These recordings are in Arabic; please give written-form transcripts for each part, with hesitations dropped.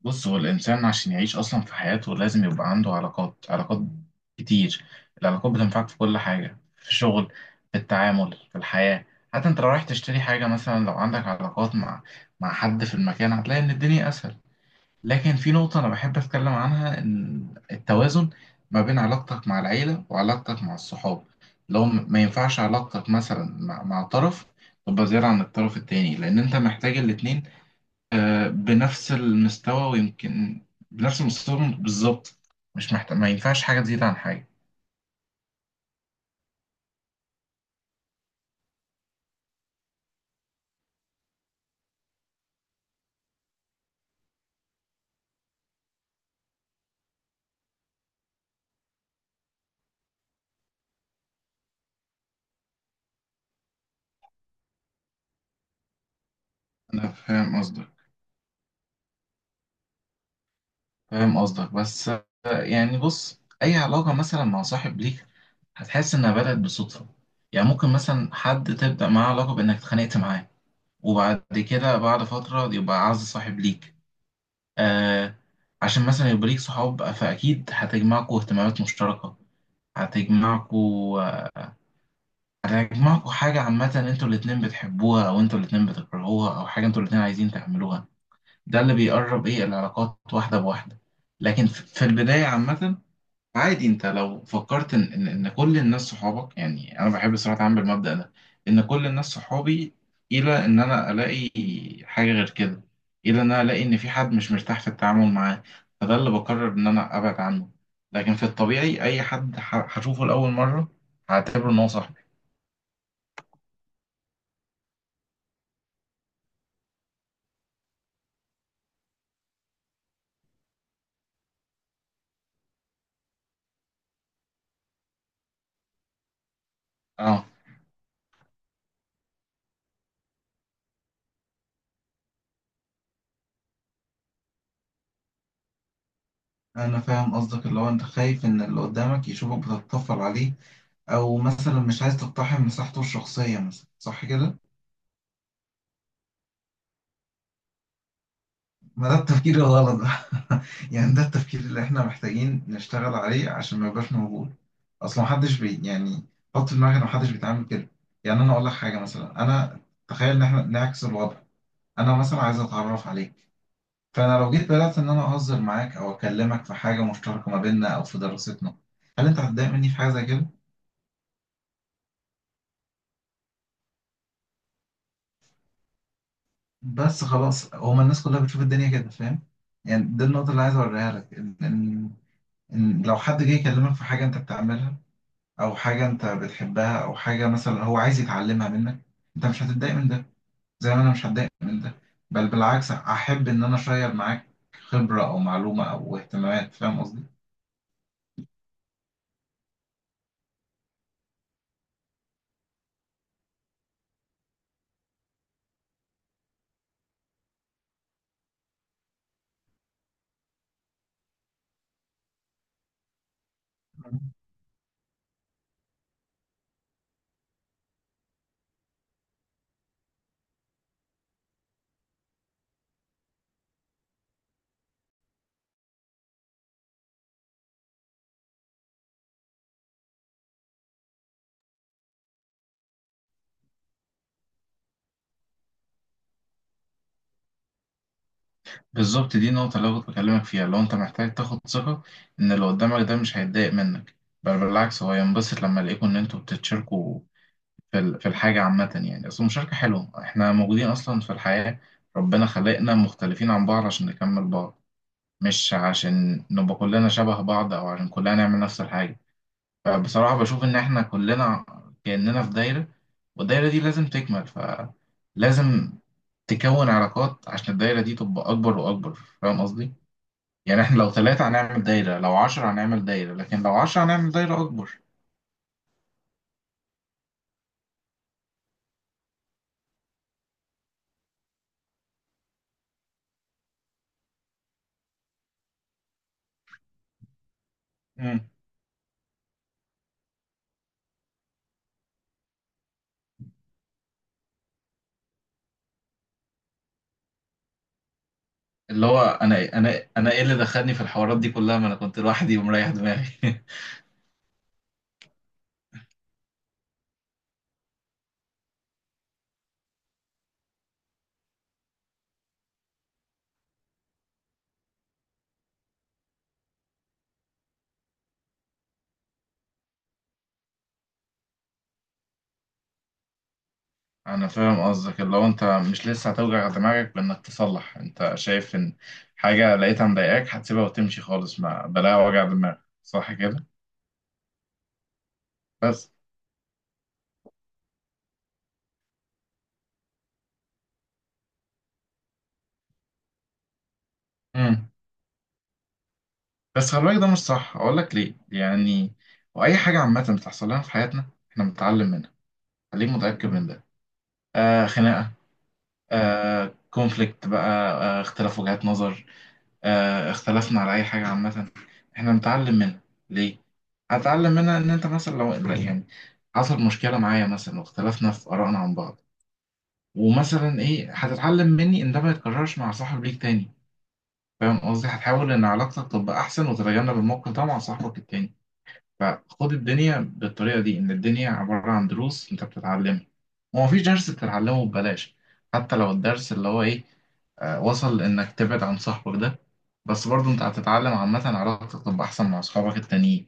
بص، هو الإنسان عشان يعيش أصلا في حياته لازم يبقى عنده علاقات كتير. العلاقات بتنفعك في كل حاجة، في الشغل، في التعامل، في الحياة. حتى أنت لو رايح تشتري حاجة مثلا، لو عندك علاقات مع حد في المكان هتلاقي إن الدنيا أسهل. لكن في نقطة أنا بحب أتكلم عنها، إن التوازن ما بين علاقتك مع العيلة وعلاقتك مع الصحاب، لو ما ينفعش علاقتك مثلا مع طرف تبقى زيادة عن الطرف التاني، لأن أنت محتاج الاتنين بنفس المستوى، ويمكن بنفس المستوى بالظبط. مش محتاج، ما ينفعش حاجة تزيد عن حاجة. أنا فاهم قصدك، فاهم قصدك. بس يعني بص، أي علاقة مثلا مع صاحب ليك هتحس إنها بدأت بالصدفة. يعني ممكن مثلا حد تبدأ معاه علاقة بإنك اتخانقت معاه، وبعد كده بعد فترة يبقى أعز صاحب ليك. آه. عشان مثلا يبقى ليك صحاب، فأكيد هتجمعكوا اهتمامات مشتركة، هتجمعكوا آه، أنا هيجمعكوا حاجة عامة، انتوا الاتنين بتحبوها، أو انتوا الاتنين بتكرهوها، أو حاجة انتوا الاتنين عايزين تعملوها. ده اللي بيقرب إيه العلاقات واحدة بواحدة. لكن في البداية عامة، عادي. انت لو فكرت إن كل الناس صحابك، يعني أنا بحب الصراحة أعمل بالمبدأ ده، إن كل الناس صحابي، إلى إن أنا ألاقي حاجة غير كده، إلى إن أنا ألاقي إن في حد مش مرتاح في التعامل معاه، فده اللي بقرر إن أنا أبعد عنه. لكن في الطبيعي أي حد هشوفه لأول مرة هعتبره إن هو صاحبي. اه، أنا فاهم قصدك، اللي هو أنت خايف إن اللي قدامك يشوفك بتتطفل عليه، أو مثلا مش عايز تقتحم مساحته الشخصية مثلا، صح كده؟ ما ده التفكير الغلط ده. يعني ده التفكير اللي إحنا محتاجين نشتغل عليه عشان ما يبقاش موجود. أصل محدش بي يعني حط في دماغك إن محدش بيتعامل كده. يعني أنا أقول لك حاجة، مثلا أنا تخيل إن إحنا نعكس الوضع، أنا مثلا عايز أتعرف عليك، فأنا لو جيت بدأت إن أنا أهزر معاك أو أكلمك في حاجة مشتركة ما بيننا أو في دراستنا، هل أنت هتضايق مني في حاجة زي كده؟ بس خلاص، هما الناس كلها بتشوف الدنيا كده، فاهم؟ يعني دي النقطة اللي عايز أوريها لك، إن لو حد جه يكلمك في حاجة أنت بتعملها، أو حاجة أنت بتحبها، أو حاجة مثلا هو عايز يتعلمها منك، أنت مش هتتضايق من ده، زي ما أنا مش هتضايق من ده. بل بالعكس، أحب إن أنا أشير معاك خبرة أو معلومة أو اهتمامات. فاهم قصدي؟ بالظبط، دي النقطة اللي أنا كنت بكلمك فيها. لو أنت محتاج تاخد ثقة إن اللي قدامك ده مش هيتضايق منك، بل بالعكس هو ينبسط لما يلاقيكوا إن أنتوا بتتشاركوا في في الحاجة عامة. يعني أصل المشاركة حلوة، إحنا موجودين أصلا في الحياة، ربنا خلقنا مختلفين عن بعض عشان نكمل بعض، مش عشان نبقى كلنا شبه بعض، أو عشان كلنا نعمل نفس الحاجة. فبصراحة بشوف إن إحنا كلنا كأننا في دايرة، والدايرة دي لازم تكمل، فلازم تكون علاقات عشان الدايرة دي تبقى أكبر وأكبر. فاهم قصدي؟ يعني إحنا لو ثلاثة هنعمل دايرة، لو عشرة هنعمل دايرة، لكن لو عشرة هنعمل دايرة أكبر. اللي هو انا ايه اللي دخلني في الحوارات دي كلها، ما انا كنت لوحدي ومريح دماغي. انا فاهم قصدك، اللي هو انت مش لسه هتوجع دماغك بانك تصلح. انت شايف ان حاجه لقيتها مضايقاك هتسيبها وتمشي خالص، ما بلاها وجع دماغ، صح كده؟ بس امم بس خلي بالك، ده مش صح، اقول لك ليه. يعني واي حاجه عامه بتحصل لنا في حياتنا احنا بنتعلم منها، خليك متاكد من ده. آه، خناقه، آه كونفليكت بقى، آه اختلاف وجهات نظر، اختلفنا على اي حاجه عامه، احنا نتعلم منها. ليه؟ هتعلم منها ان انت مثلا لو لا، يعني حصل مشكله معايا مثلا واختلفنا في ارائنا عن بعض، ومثلا ايه هتتعلم مني، ان ده ما يتكررش مع صاحب ليك تاني. فاهم قصدي؟ هتحاول ان علاقتك تبقى احسن وتتجنب الموقف ده مع صاحبك التاني. فخد الدنيا بالطريقة دي، إن الدنيا عبارة عن دروس أنت بتتعلمها، ومفيش درس بتتعلمه ببلاش. حتى لو الدرس اللي هو إيه، وصل إنك تبعد عن صاحبك ده، بس برضه أنت هتتعلم عامة علاقتك تبقى أحسن مع أصحابك التانيين.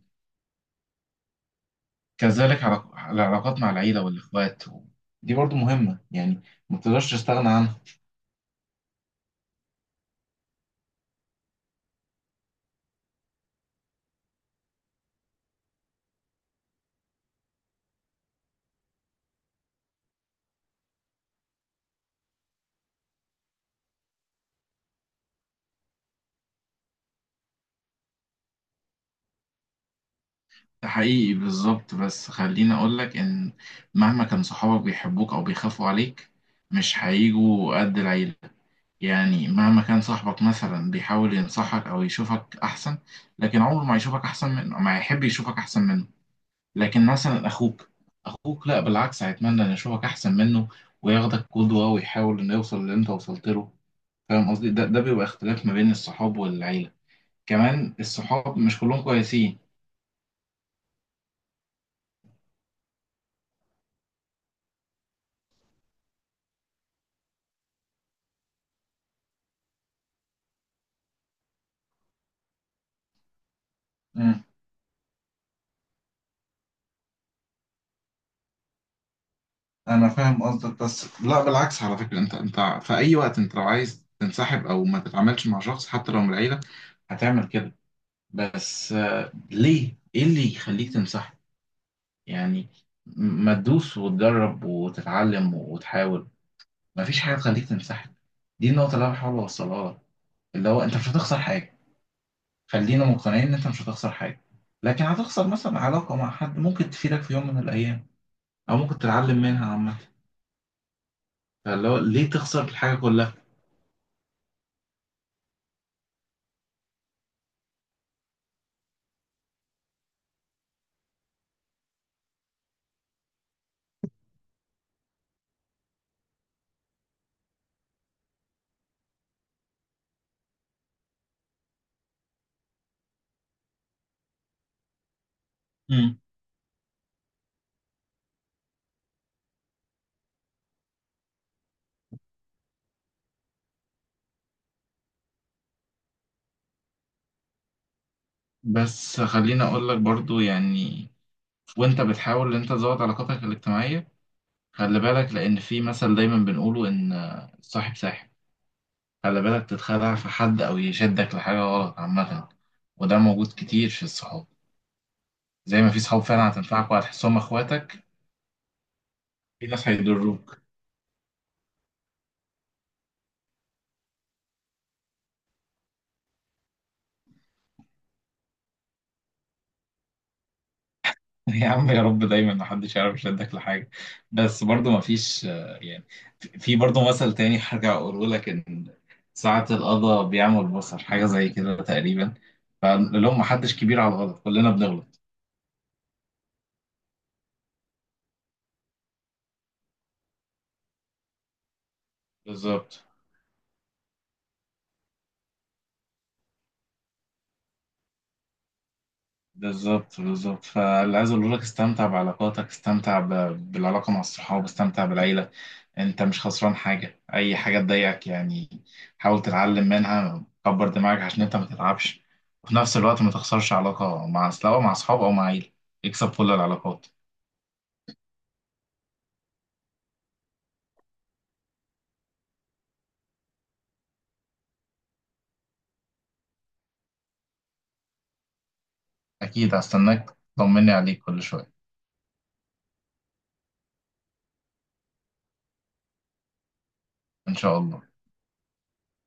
كذلك العلاقات مع العيلة والإخوات دي برضه مهمة، يعني ما تقدرش تستغنى عنها. ده حقيقي بالظبط، بس خليني أقولك إن مهما كان صحابك بيحبوك أو بيخافوا عليك، مش هيجوا قد العيلة. يعني مهما كان صاحبك مثلا بيحاول ينصحك او يشوفك احسن، لكن عمره ما يشوفك احسن منه، ما يحب يشوفك احسن منه. لكن مثلا اخوك، اخوك لا، بالعكس هيتمنى ان يشوفك احسن منه، وياخدك قدوة، ويحاول انه يوصل اللي انت وصلت له. فاهم قصدي؟ ده ده بيبقى اختلاف ما بين الصحاب والعيلة. كمان الصحاب مش كلهم كويسين. مم. انا فاهم قصدك، بس لا بالعكس، على فكرة انت، في اي وقت انت لو عايز تنسحب او ما تتعاملش مع شخص حتى لو من العيلة هتعمل كده. بس ليه؟ ايه اللي يخليك تمسحه؟ يعني ما تدوس وتجرب وتتعلم وتحاول، مفيش حاجة تخليك تمسحه. دي النقطة اللي أنا بحاول أوصلها لك، اللي هو أنت مش هتخسر حاجة. خلينا مقتنعين إن أنت مش هتخسر حاجة، لكن هتخسر مثلا علاقة مع حد ممكن تفيدك في يوم من الأيام، أو ممكن تتعلم منها عامة. فاللي هو ليه تخسر الحاجة كلها؟ مم. بس خليني أقول لك برضو، يعني وأنت بتحاول إن أنت تزود علاقاتك الاجتماعية، خلي بالك، لأن في مثل دايما بنقوله إن صاحب ساحب. خلي بالك تتخدع في حد أو يشدك لحاجة غلط عامة، وده موجود كتير في الصحاب. زي ما في صحاب فعلا هتنفعك وهتحسهم إخواتك، في ناس هيضروك. يا عم يا رب دايما محدش يعرف يشدك لحاجة. بس برضه مفيش في برضه مثل تاني هرجع أقوله لك، إن ساعة القضا بيعمل البصر، حاجة زي كده تقريبا. فاللي هم محدش كبير على الغلط، كلنا بنغلط. بالظبط بالظبط. فاللي عايز اقول لك، استمتع بعلاقاتك، استمتع بالعلاقه مع الصحاب، استمتع بالعيله. انت مش خسران حاجه. اي حاجه تضايقك، يعني حاول تتعلم منها، كبر دماغك عشان انت ما تتعبش، وفي نفس الوقت ما تخسرش علاقه مع، سواء مع اصحاب او مع عيله. اكسب كل العلاقات. اكيد هستناك، طمني عليك كل شويه. ان شاء الله.